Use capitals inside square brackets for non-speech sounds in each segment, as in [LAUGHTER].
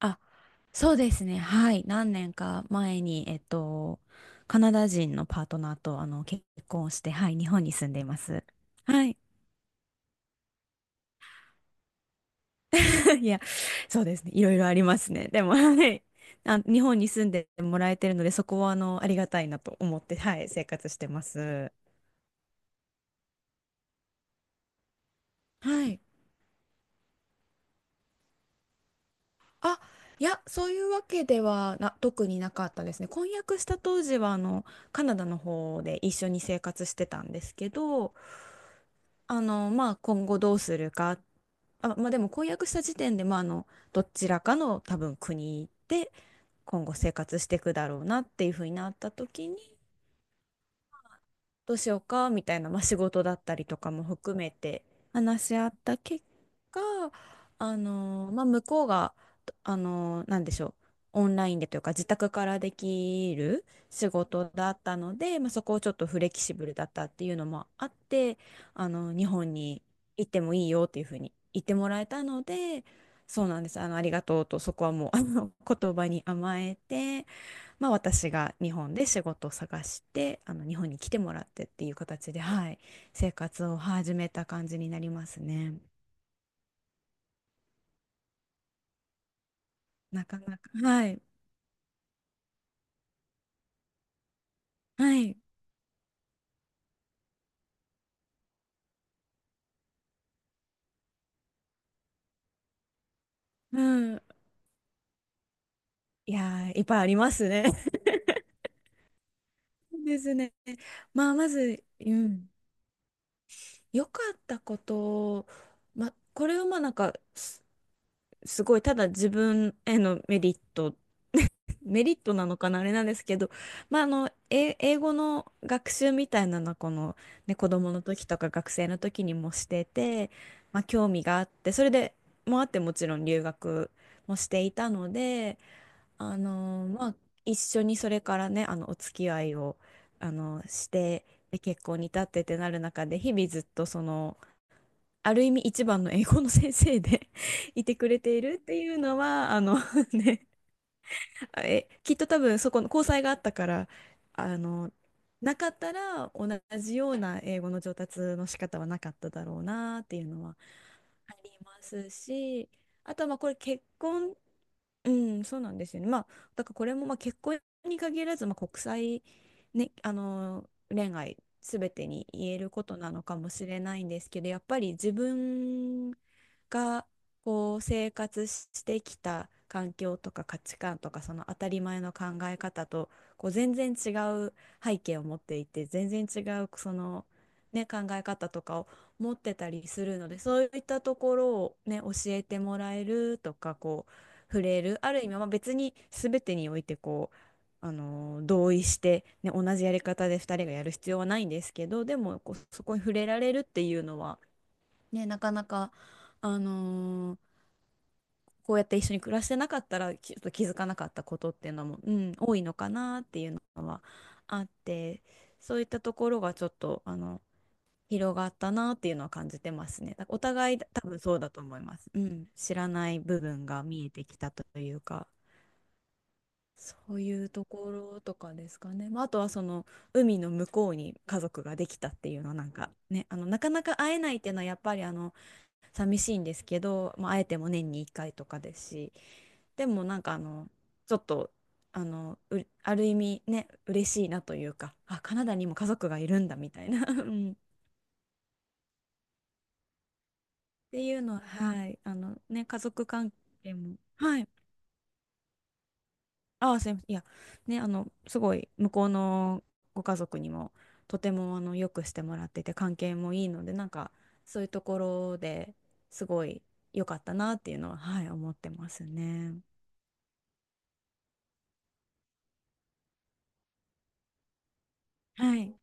あ、そうですね。はい。何年か前に、カナダ人のパートナーと、結婚して、はい、日本に住んでいます。はい。[LAUGHS] いや、そうですね。いろいろありますね。でも、はい。あ、日本に住んでもらえてるので、そこは、ありがたいなと思って、はい、生活してます。はい。あ、いや、そういうわけではな、特になかったですね。婚約した当時は、カナダの方で一緒に生活してたんですけど、今後どうするか。でも婚約した時点で、どちらかの多分国で今後生活していくだろうなっていうふうになった時に、どうしようかみたいな、まあ、仕事だったりとかも含めて話し合った結果、向こうが、あのなんでしょう、オンラインでというか自宅からできる仕事だったので、まあ、そこをちょっとフレキシブルだったっていうのもあって、日本に行ってもいいよっていうふうに言ってもらえたので、そうなんです。ありがとうと、そこはもう、言葉に甘えて、まあ、私が日本で仕事を探して日本に来てもらってっていう形で、はい、生活を始めた感じになりますね。なかなか、はい、はい、うん、いやいっぱいありますね。[LAUGHS] ですね。まあ、まず、うん、良かったこと、まあ、これはまあなんかすごいただ自分へのメリットなのかなあれなんですけど、まあ、英語の学習みたいなのはこの、ね、子供の時とか学生の時にもしてて、まあ、興味があってそれでもあってもちろん留学もしていたので、あのまあ、一緒にそれからねお付き合いをしてで結婚に至ってってなる中で日々ずっとそのある意味一番の英語の先生で [LAUGHS] いてくれているっていうのは[LAUGHS] ねきっと多分そこの交際があったから、あの、なかったら同じような英語の上達の仕方はなかっただろうなっていうのはありますし、あとはまあこれ結婚うん、そうなんですよね。まあ、だからこれもまあ結婚に限らず、まあ、国際、ね、恋愛すべてに言えることなのかもしれないんですけど、やっぱり自分がこう生活してきた環境とか価値観とかその当たり前の考え方とこう全然違う背景を持っていて、全然違うその、ね、考え方とかを持ってたりするので、そういったところを、ね、教えてもらえるとか、こう触れるある意味、まあ、別に全てにおいてこう、同意して、ね、同じやり方で2人がやる必要はないんですけど、でもこうそこに触れられるっていうのは、ね、なかなか、あのーこうやって一緒に暮らしてなかったらちょっと気づかなかったことっていうのも、うん、多いのかなっていうのはあって、そういったところがちょっと広がったなっていうのは感じてますね。お互い多分そうだと思います。うん、知らない部分が見えてきたというか。そういうところとかですかね。まあ、あとはその海の向こうに家族ができたっていうのはなんかね、なかなか会えないっていうのはやっぱり寂しいんですけど、まあ、会えても年に1回とかですし、でもなんかあのちょっとあのうある意味ね、嬉しいなというか、あ、カナダにも家族がいるんだみたいな [LAUGHS] うんっていうのは、はい、ね、家族関係も、はい、ああ、すいません。いや、ね、すごい、向こうのご家族にも、とても、よくしてもらってて、関係もいいので、なんか、そういうところですごい良かったなっていうのは、はい、思ってますね。はい。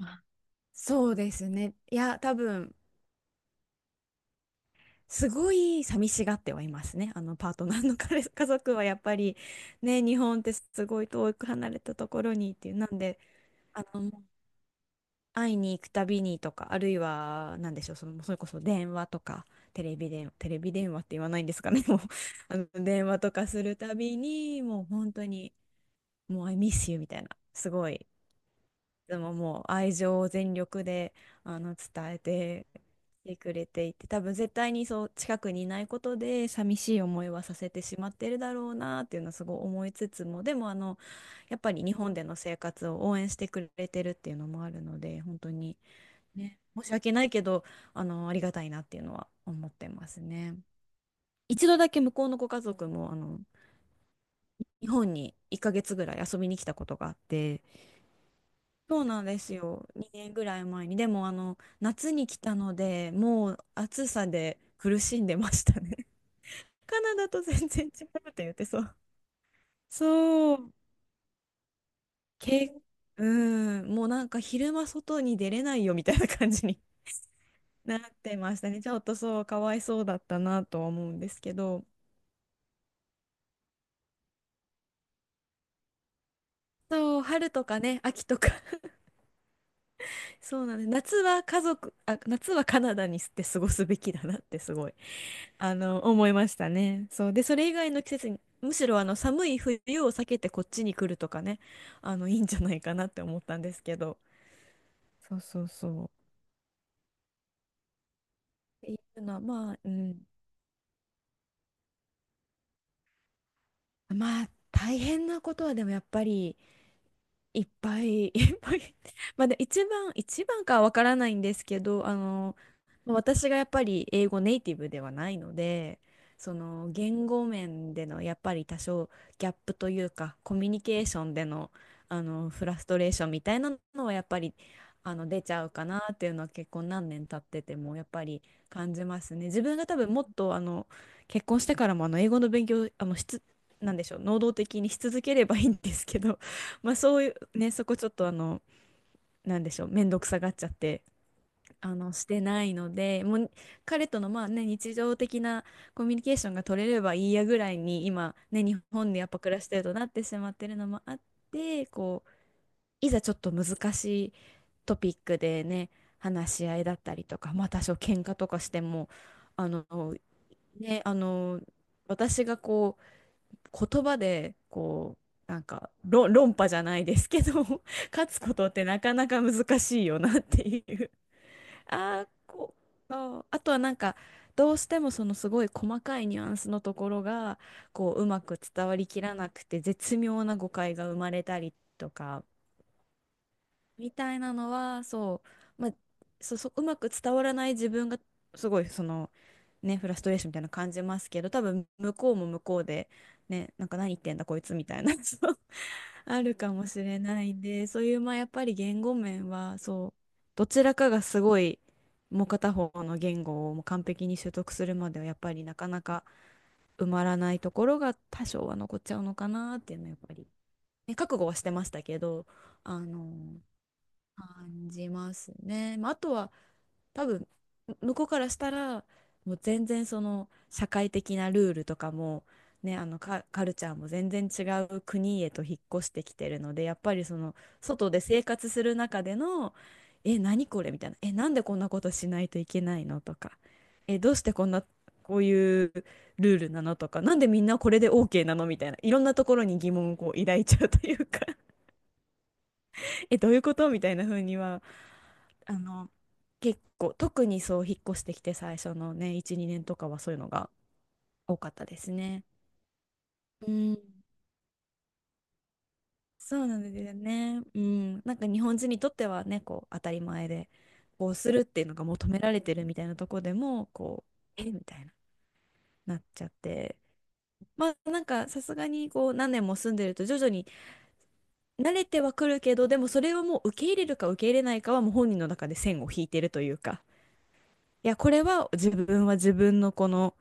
あそうですね。いや、多分、すごい寂しがってはいますね。パートナーの彼、家族はやっぱり、ね、日本ってすごい遠く離れたところにっていう、なんで、あの、会いに行くたびにとか、あるいは、なんでしょう、その、それこそ電話とか、テレビ電話って言わないんですかね、[LAUGHS] もう、[LAUGHS] 電話とかするたびに、もう本当に、もう、I miss you みたいな、すごい、でももう愛情を全力で、伝えて、てくれていて、多分絶対にそう、近くにいないことで、寂しい思いはさせてしまってるだろうなっていうのはすごい思いつつも、でも、やっぱり日本での生活を応援してくれてるっていうのもあるので、本当に、ね、申し訳ないけど、ありがたいなっていうのは思ってますね。一度だけ向こうのご家族も、日本に1ヶ月ぐらい遊びに来たことがあって、そうなんですよ。2年ぐらい前に。でも、夏に来たので、もう暑さで苦しんでましたね。[LAUGHS] カナダと全然違うって言ってそう。そう。け、うん、もうなんか昼間外に出れないよみたいな感じになってましたね。ちょっとそう、かわいそうだったなとは思うんですけど。そう、春とかね、秋とか [LAUGHS] そうなんです。夏は家族、あ、夏はカナダにして過ごすべきだなってすごい、思いましたね。そう。で、それ以外の季節に、むしろ寒い冬を避けてこっちに来るとかね、いいんじゃないかなって思ったんですけど。そう。っていうのは、まあ、うん。まあ、大変なことはでもやっぱり、いっぱい [LAUGHS] いっぱいまあ、一番かはわからないんですけどまあ私がやっぱり英語ネイティブではないので、その言語面でのやっぱり多少ギャップというかコミュニケーションでの、フラストレーションみたいなのはやっぱり出ちゃうかなっていうのは結婚何年経っててもやっぱり感じますね。自分が多分もっと結婚してからも英語の勉強あのしつなんでしょう、能動的にし続ければいいんですけど、まあそういうねそこちょっとなんでしょう、面倒くさがっちゃってしてないのでもう彼とのまあね日常的なコミュニケーションが取れればいいやぐらいに今ね日本でやっぱ暮らしてるとなってしまってるのもあって、こういざちょっと難しいトピックでね話し合いだったりとかまあ多少喧嘩とかしてもあのね私が言葉でこうなんか論破じゃないですけど [LAUGHS] 勝つことってなかなか難しいよなっていう、 [LAUGHS] あーこあとはなんかどうしてもそのすごい細かいニュアンスのところがこううまく伝わりきらなくて絶妙な誤解が生まれたりとかみたいなのはそう、まあ、そううまく伝わらない自分がすごいそのねフラストレーションみたいなの感じますけど、多分向こうも向こうでねなんか何言ってんだこいつみたいな、 [LAUGHS] そうあるかもしれないんでそういうまあやっぱり言語面はそうどちらかがすごいもう片方の言語をもう完璧に習得するまではやっぱりなかなか埋まらないところが多少は残っちゃうのかなっていうのはやっぱり、ね、覚悟はしてましたけどあの感じますね。まあ、あとは多分向こうからしたらもう全然その社会的なルールとかも、ね、カルチャーも全然違う国へと引っ越してきてるのでやっぱりその外で生活する中での「え何これ？」みたいな「えなんでこんなことしないといけないの？」とか「えどうしてこんなこういうルールなの？」とか「なんでみんなこれで OK なの？」みたいないろんなところに疑問をこう抱いちゃうというか、え、どういうことみたいな風には、あの、結構、特にそう、引っ越してきて最初のね、1、2年とかはそういうのが多かったですね。うん、そうなんですよね。うん、なんか日本人にとってはね、こう、当たり前で、こうするっていうのが求められてるみたいなとこでも、こう、えみたいな、なっちゃって。まあ、なんかさすがにこう何年も住んでると徐々に慣れてはくるけど、でもそれはもう受け入れるか受け入れないかはもう本人の中で線を引いてるというか、いや、これは自分は自分のこの、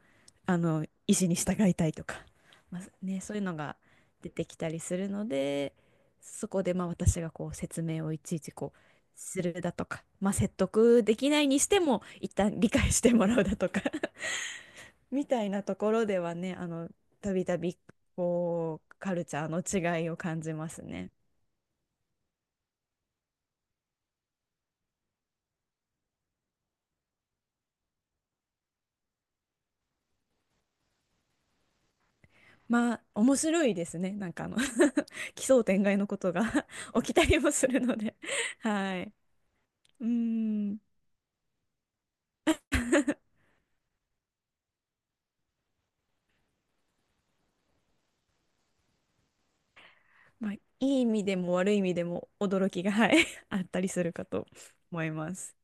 意思に従いたいとか、まあね、そういうのが出てきたりするので、そこでまあ私がこう説明をいちいちこうするだとか、まあ、説得できないにしても一旦理解してもらうだとか [LAUGHS] みたいなところではね、たびたびこうカルチャーの違いを感じますね。まあ面白いですね。なんか[LAUGHS] 奇想天外のことが [LAUGHS] 起きたりもするので [LAUGHS] はい。うーん、まあ、いい意味でも悪い意味でも驚きが、はい [LAUGHS] あったりするかと思います。